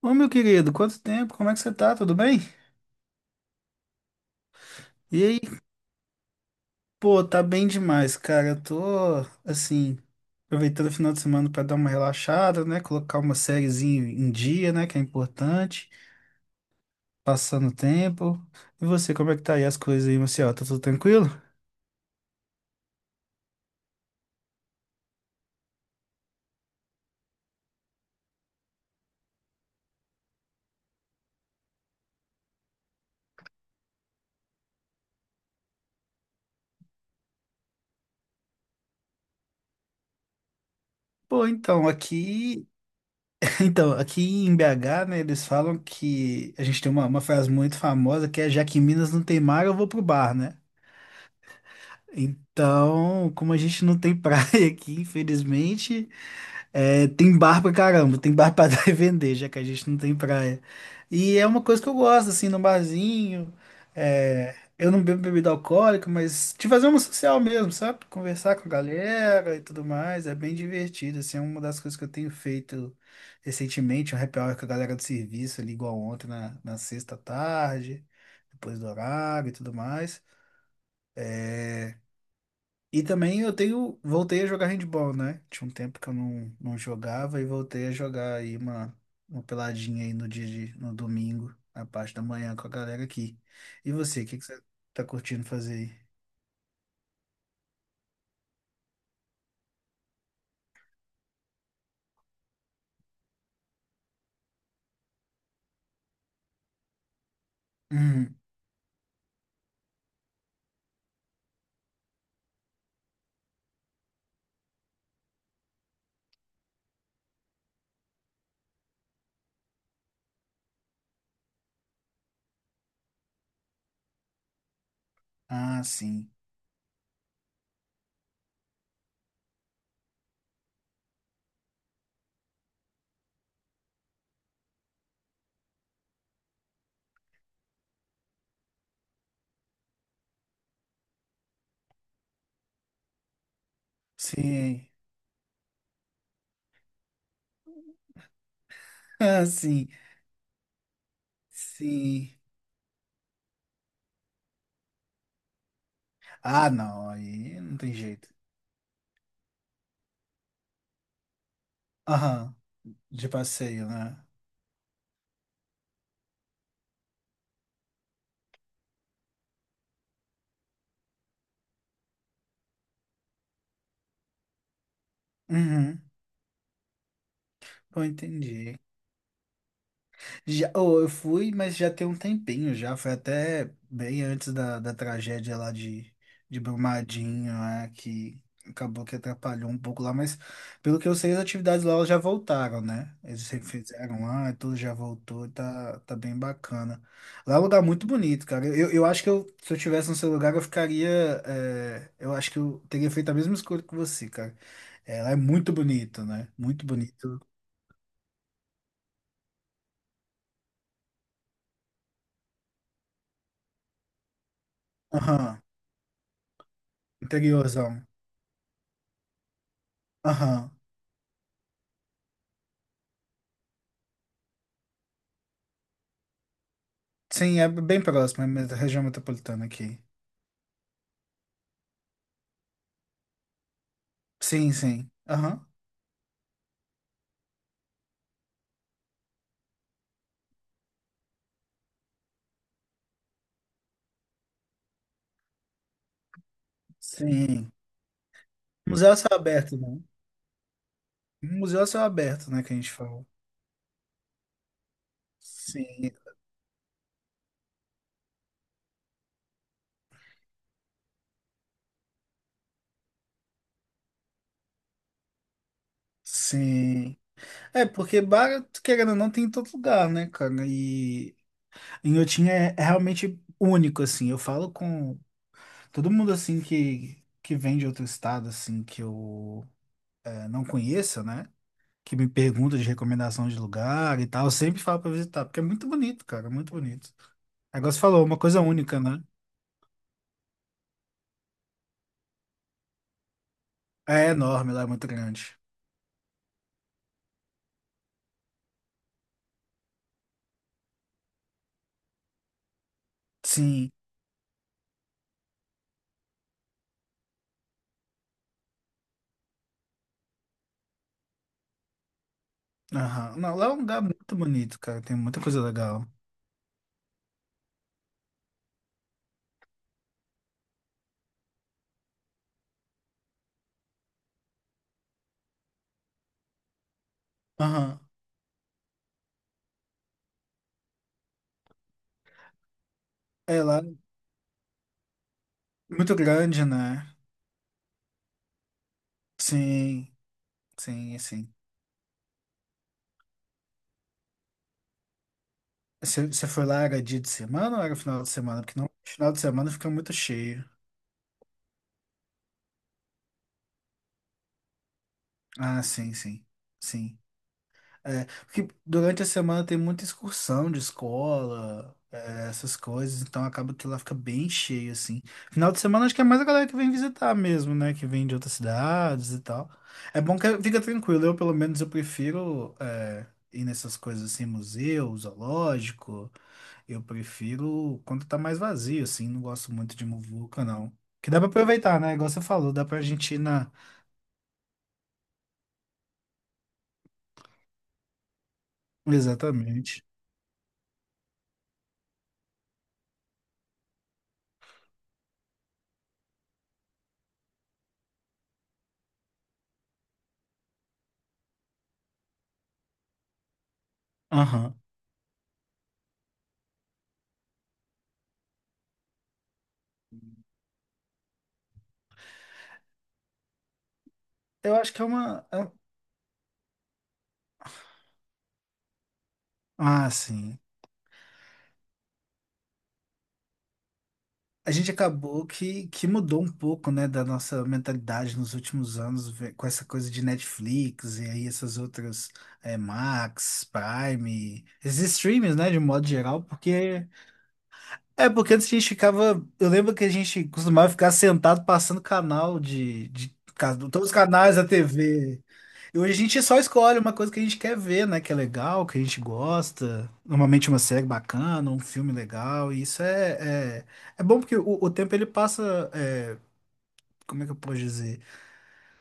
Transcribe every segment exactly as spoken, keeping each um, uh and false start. Ô, meu querido, quanto tempo? Como é que você tá? Tudo bem? E aí? Pô, tá bem demais, cara. Eu tô, assim, aproveitando o final de semana pra dar uma relaxada, né? Colocar uma sériezinha em dia, né? Que é importante. Passando o tempo. E você, como é que tá aí as coisas aí, Marcelo? Tá tudo tranquilo? Pô, então, aqui... Então, aqui em B agá, né? Eles falam que... A gente tem uma, uma frase muito famosa que é: Já que em Minas não tem mar, eu vou pro bar, né? Então, como a gente não tem praia aqui, infelizmente... É, tem bar pra caramba, tem bar pra dar e vender, já que a gente não tem praia. E é uma coisa que eu gosto, assim, no barzinho. É, eu não bebo bebida alcoólica, mas de fazer uma social mesmo, sabe? Conversar com a galera e tudo mais, é bem divertido, assim, é uma das coisas que eu tenho feito recentemente, um happy hour com a galera do serviço, ali igual ontem, na, na sexta à tarde, depois do horário e tudo mais. E também eu tenho, voltei a jogar handball, né? Tinha um tempo que eu não, não jogava e voltei a jogar aí uma, uma peladinha aí no dia de, no domingo, na parte da manhã com a galera aqui. E você, o que que você tá curtindo fazer aí? Hum, ah, sim. Sim. Ah, sim. Sim. Ah, não, aí não tem jeito. Aham, de passeio, né? Uhum. Pô, entendi. Já, oh, eu fui, mas já tem um tempinho já. Foi até bem antes da, da tragédia lá de, de Brumadinho, né, que acabou que atrapalhou um pouco lá. Mas pelo que eu sei, as atividades lá elas já voltaram, né? Eles refizeram lá, e tudo já voltou, e tá, tá bem bacana. Lá é um lugar muito bonito, cara. Eu, eu acho que eu, se eu tivesse no seu lugar, eu ficaria. É, eu acho que eu teria feito a mesma escolha que você, cara. É, lá é muito bonito, né? Muito bonito. Aham, interiorzão. Aham. Sim, é bem próximo, é a região metropolitana aqui. Sim, sim. Aham. Sim. Museu a céu aberto, né? Museu a céu aberto, né, que a gente falou. Sim, sim. É, porque bar, querendo ou não, tem em todo lugar, né, cara? E Inhotim é, é realmente único, assim. Eu falo com todo mundo, assim, que, que vem de outro estado, assim, que eu é, não conheça, né? Que me pergunta de recomendação de lugar e tal. Eu sempre falo pra visitar, porque é muito bonito, cara, é muito bonito. Agora você falou, uma coisa única, né? É enorme, lá é muito grande. Sim. Aham. Não, lá é um lugar muito bonito, cara. Tem muita coisa legal. Aham. É lá, é muito grande, né? Sim, sim, sim. Você você foi lá, era dia de semana ou era final de semana? Porque não, final de semana fica muito cheio. Ah, sim, sim. Sim. É, porque durante a semana tem muita excursão de escola, é, essas coisas, então acaba que lá fica bem cheio, assim. Final de semana acho que é mais a galera que vem visitar mesmo, né? Que vem de outras cidades e tal. É bom que fica tranquilo, eu pelo menos eu prefiro é, ir nessas coisas assim, museu, zoológico. Eu prefiro quando tá mais vazio, assim, não gosto muito de muvuca, não. Que dá pra aproveitar, né? Igual você falou, dá pra gente ir na... Exatamente. Aham. Eu acho que é uma... é- um, ah, sim. A gente acabou que, que mudou um pouco, né, da nossa mentalidade nos últimos anos, ve- com essa coisa de Netflix e aí essas outras, é, Max, Prime, esses streams, né, de modo geral, porque... É, porque antes a gente ficava... Eu lembro que a gente costumava ficar sentado passando canal de... de ca- todos os canais da tê vê. E hoje a gente só escolhe uma coisa que a gente quer ver, né? Que é legal, que a gente gosta. Normalmente uma série bacana, um filme legal. E isso é, é, é bom porque o, o tempo ele passa. É, como é que eu posso dizer?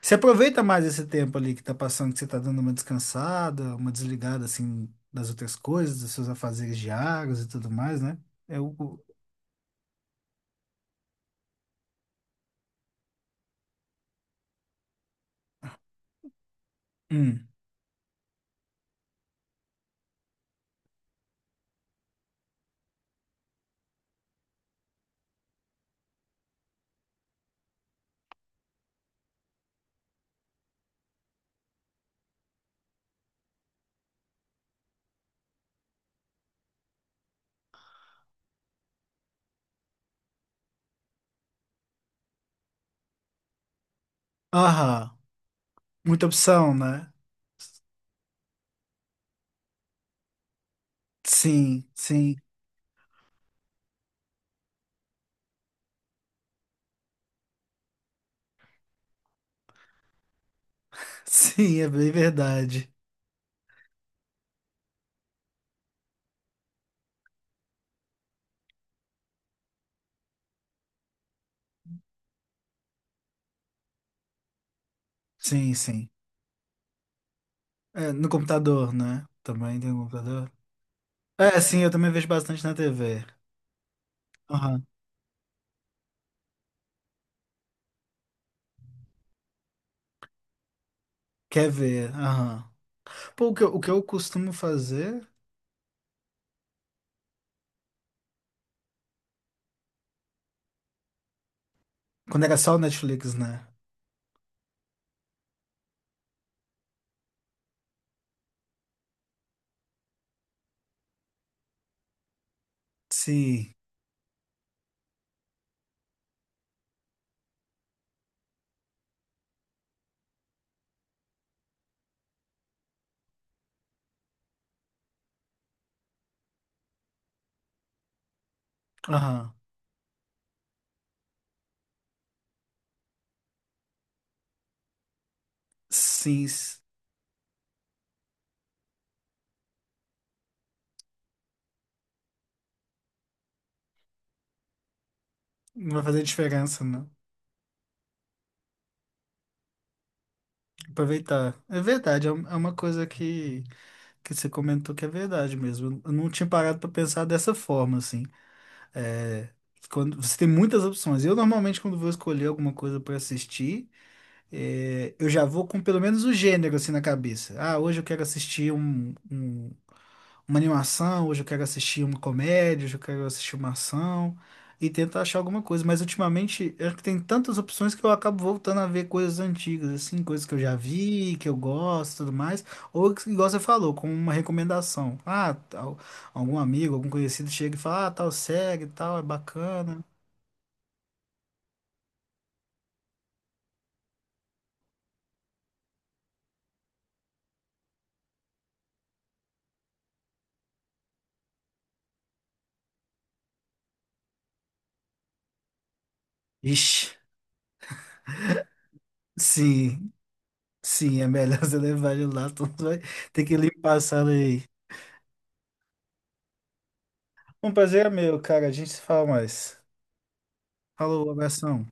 Você aproveita mais esse tempo ali que tá passando, que você tá dando uma descansada, uma desligada assim das outras coisas, dos seus afazeres diários e tudo mais, né? É o. o- Hum. Aham. Muita opção, né? Sim, sim, sim, é bem verdade. Sim, sim. É, no computador, né? Também tem um computador. É, sim, eu também vejo bastante na tê vê. Aham. Quer ver? Aham. Pô, o que eu, o que eu costumo fazer quando era só o Netflix, né? Sim. Aham. Sim. s- Não vai fazer diferença, né? Aproveitar. É verdade, é um- é uma coisa que, que você comentou que é verdade mesmo. Eu não tinha parado pra pensar dessa forma, assim. É, quando, você tem muitas opções. Eu normalmente, quando vou escolher alguma coisa pra assistir. É, eu já vou com pelo menos o gênero assim na cabeça. Ah, hoje eu quero assistir um, um- uma animação, hoje eu quero assistir uma comédia, hoje eu quero assistir uma ação e tento achar alguma coisa. Mas ultimamente é que tem tantas opções que eu acabo voltando a ver coisas antigas, assim, coisas que eu já vi, que eu gosto, e tudo mais. Ou que, igual você falou, com uma recomendação. Ah, tal, algum amigo, algum conhecido chega e fala, ah, tal série, e tal, é bacana. Ixi, sim. Sim, é melhor você levar ele lá, tu vai ter que limpar a sala aí. Um prazer é meu, cara. A gente se fala mais. Falou, abração.